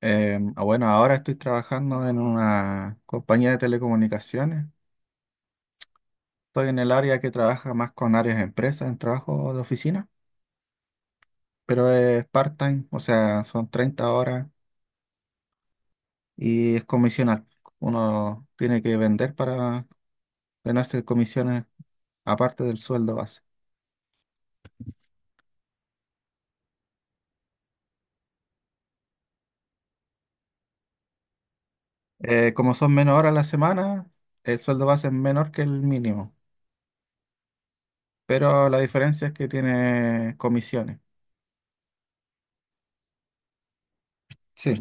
Bueno, ahora estoy trabajando en una compañía de telecomunicaciones. Estoy en el área que trabaja más con áreas de empresas, en trabajo de oficina, pero es part-time, o sea, son 30 horas y es comisional. Uno tiene que vender para ganarse comisiones aparte del sueldo base. Como son menos horas a la semana, el sueldo base es menor que el mínimo, pero la diferencia es que tiene comisiones. Sí,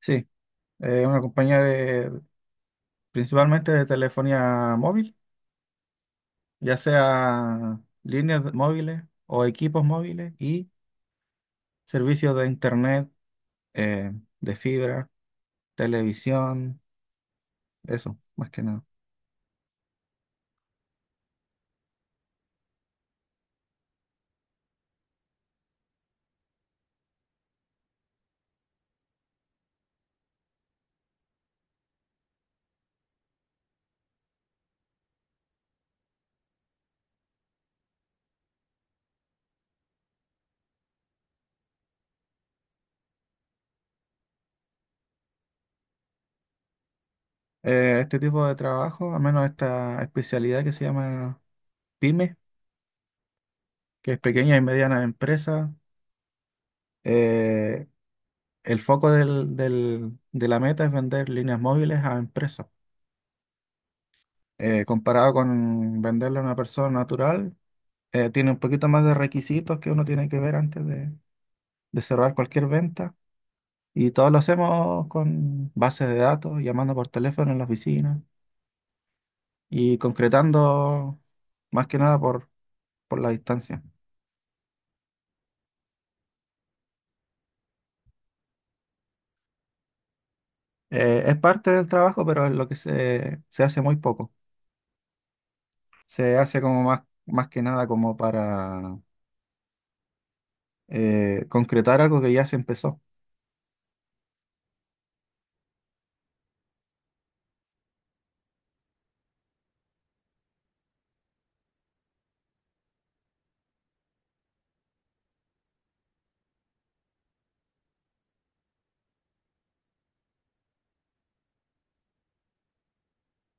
sí, es una compañía de principalmente de telefonía móvil, ya sea móviles o equipos móviles y servicios de internet, eh, de fibra, televisión, eso, más que nada. Este tipo de trabajo, al menos esta especialidad que se llama PYME, que es pequeña y mediana empresa, eh, el foco de la meta es vender líneas móviles a empresas. Comparado con venderle a una persona natural, tiene un poquito más de requisitos que uno tiene que ver de cerrar cualquier venta. Y todo lo hacemos con bases de datos, llamando por teléfono en la oficina y concretando más que nada por la distancia. Es parte del trabajo, pero es lo que se hace muy poco. Se hace como más que nada como para concretar algo que ya se empezó.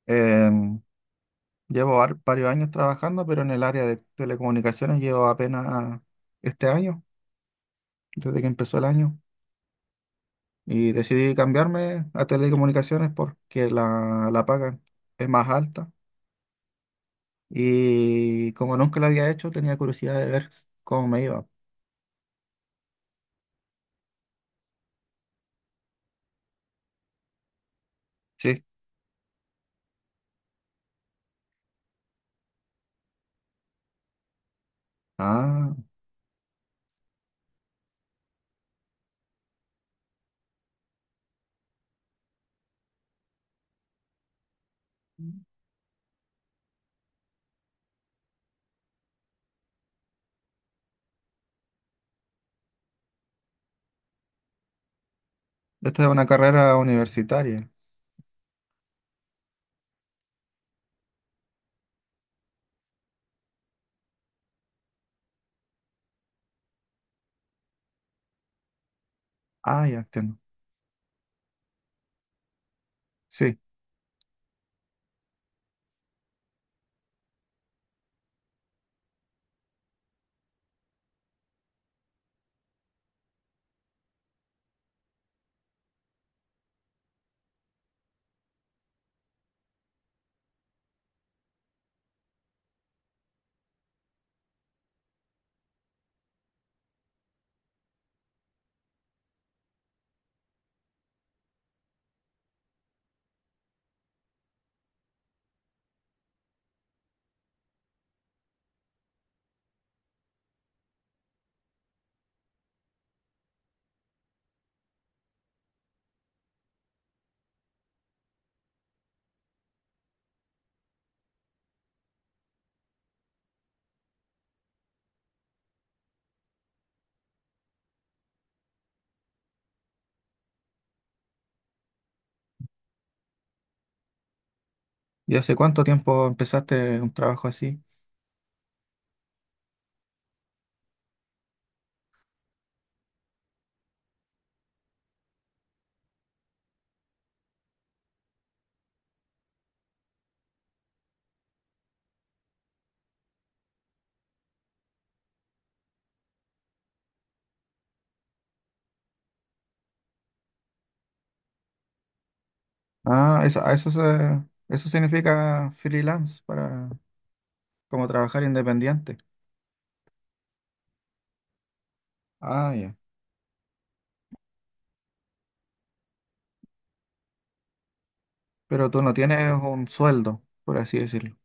Em, Llevo varios años trabajando, pero en el área de telecomunicaciones llevo apenas este año, desde que empezó el año, y decidí cambiarme a telecomunicaciones porque la paga es más alta y como nunca lo había hecho tenía curiosidad de ver cómo me iba. Sí. Ah, ¿esta es una carrera universitaria? Ah, ya entiendo. Sí. ¿Y hace cuánto tiempo empezaste un trabajo así? Ah, eso, a eso se, Eso significa freelance para como trabajar independiente. Ah, ya. Pero tú no tienes un sueldo, por así decirlo.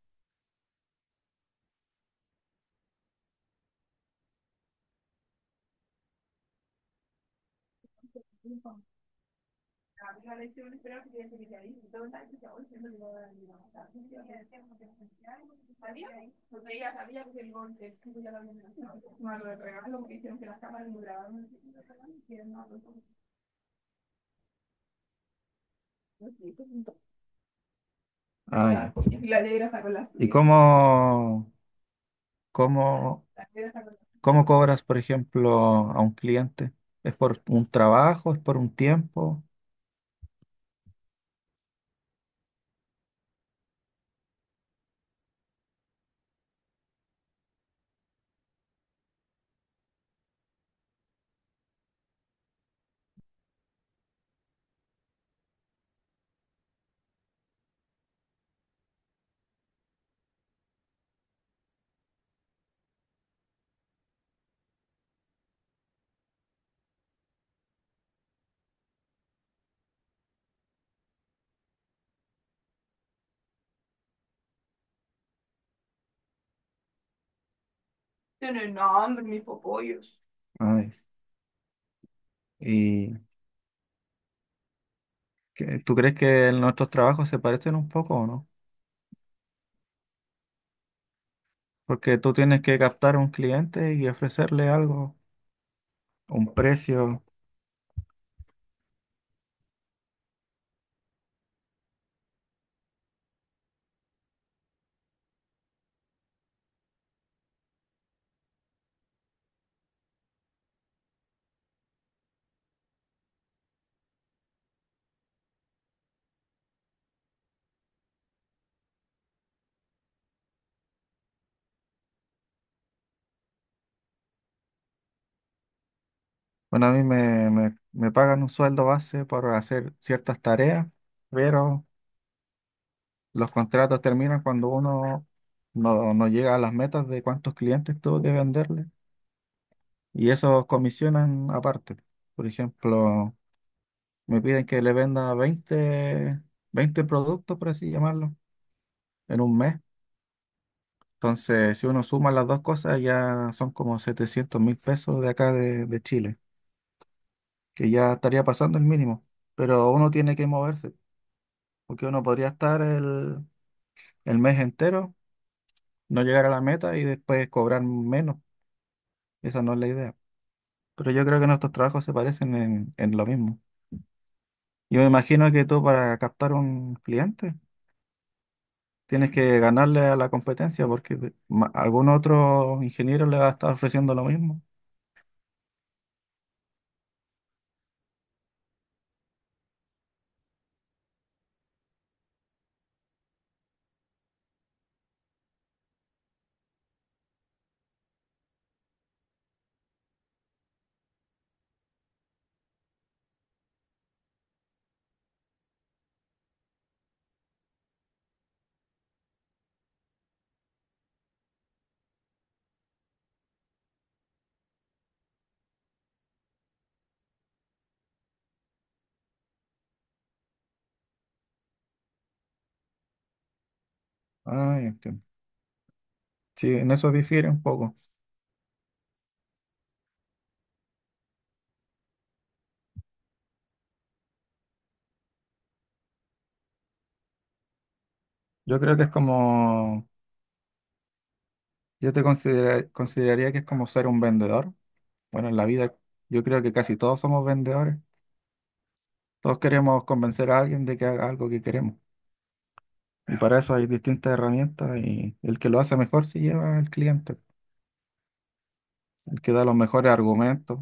Ah, ya. la ¿Y cómo, cómo cobras, por ejemplo, a un cliente? ¿Es por un trabajo? ¿Es por un tiempo? Ay, ¿y tú crees que nuestros trabajos se parecen un poco o no? Porque tú tienes que captar a un cliente y ofrecerle algo, un precio. Bueno, a me pagan un sueldo base por hacer ciertas tareas, pero los contratos terminan cuando uno no llega a las metas de cuántos clientes tuvo que venderle y esos comisionan aparte. Por ejemplo, me piden que le venda 20 productos, por así llamarlo, en un mes. Entonces, si uno suma las dos cosas, ya son como 700.000 pesos de acá de Chile, que ya estaría pasando el mínimo. Pero uno tiene que moverse, porque uno podría estar el mes entero, no llegar a la meta y después cobrar menos. Esa no es la idea. Pero yo creo que nuestros trabajos se parecen en lo mismo. Yo me imagino que tú para captar un cliente tienes que ganarle a la competencia porque algún otro ingeniero le va a estar ofreciendo lo mismo. Ah, ya entiendo. Sí, en eso difiere un poco. Yo creo que es yo te consideraría que es como ser un vendedor. Bueno, en la vida yo creo que casi todos somos vendedores. Todos queremos convencer a alguien de que haga algo que queremos. Y para eso hay distintas herramientas y el que lo hace mejor se lleva al cliente, el que da los mejores argumentos.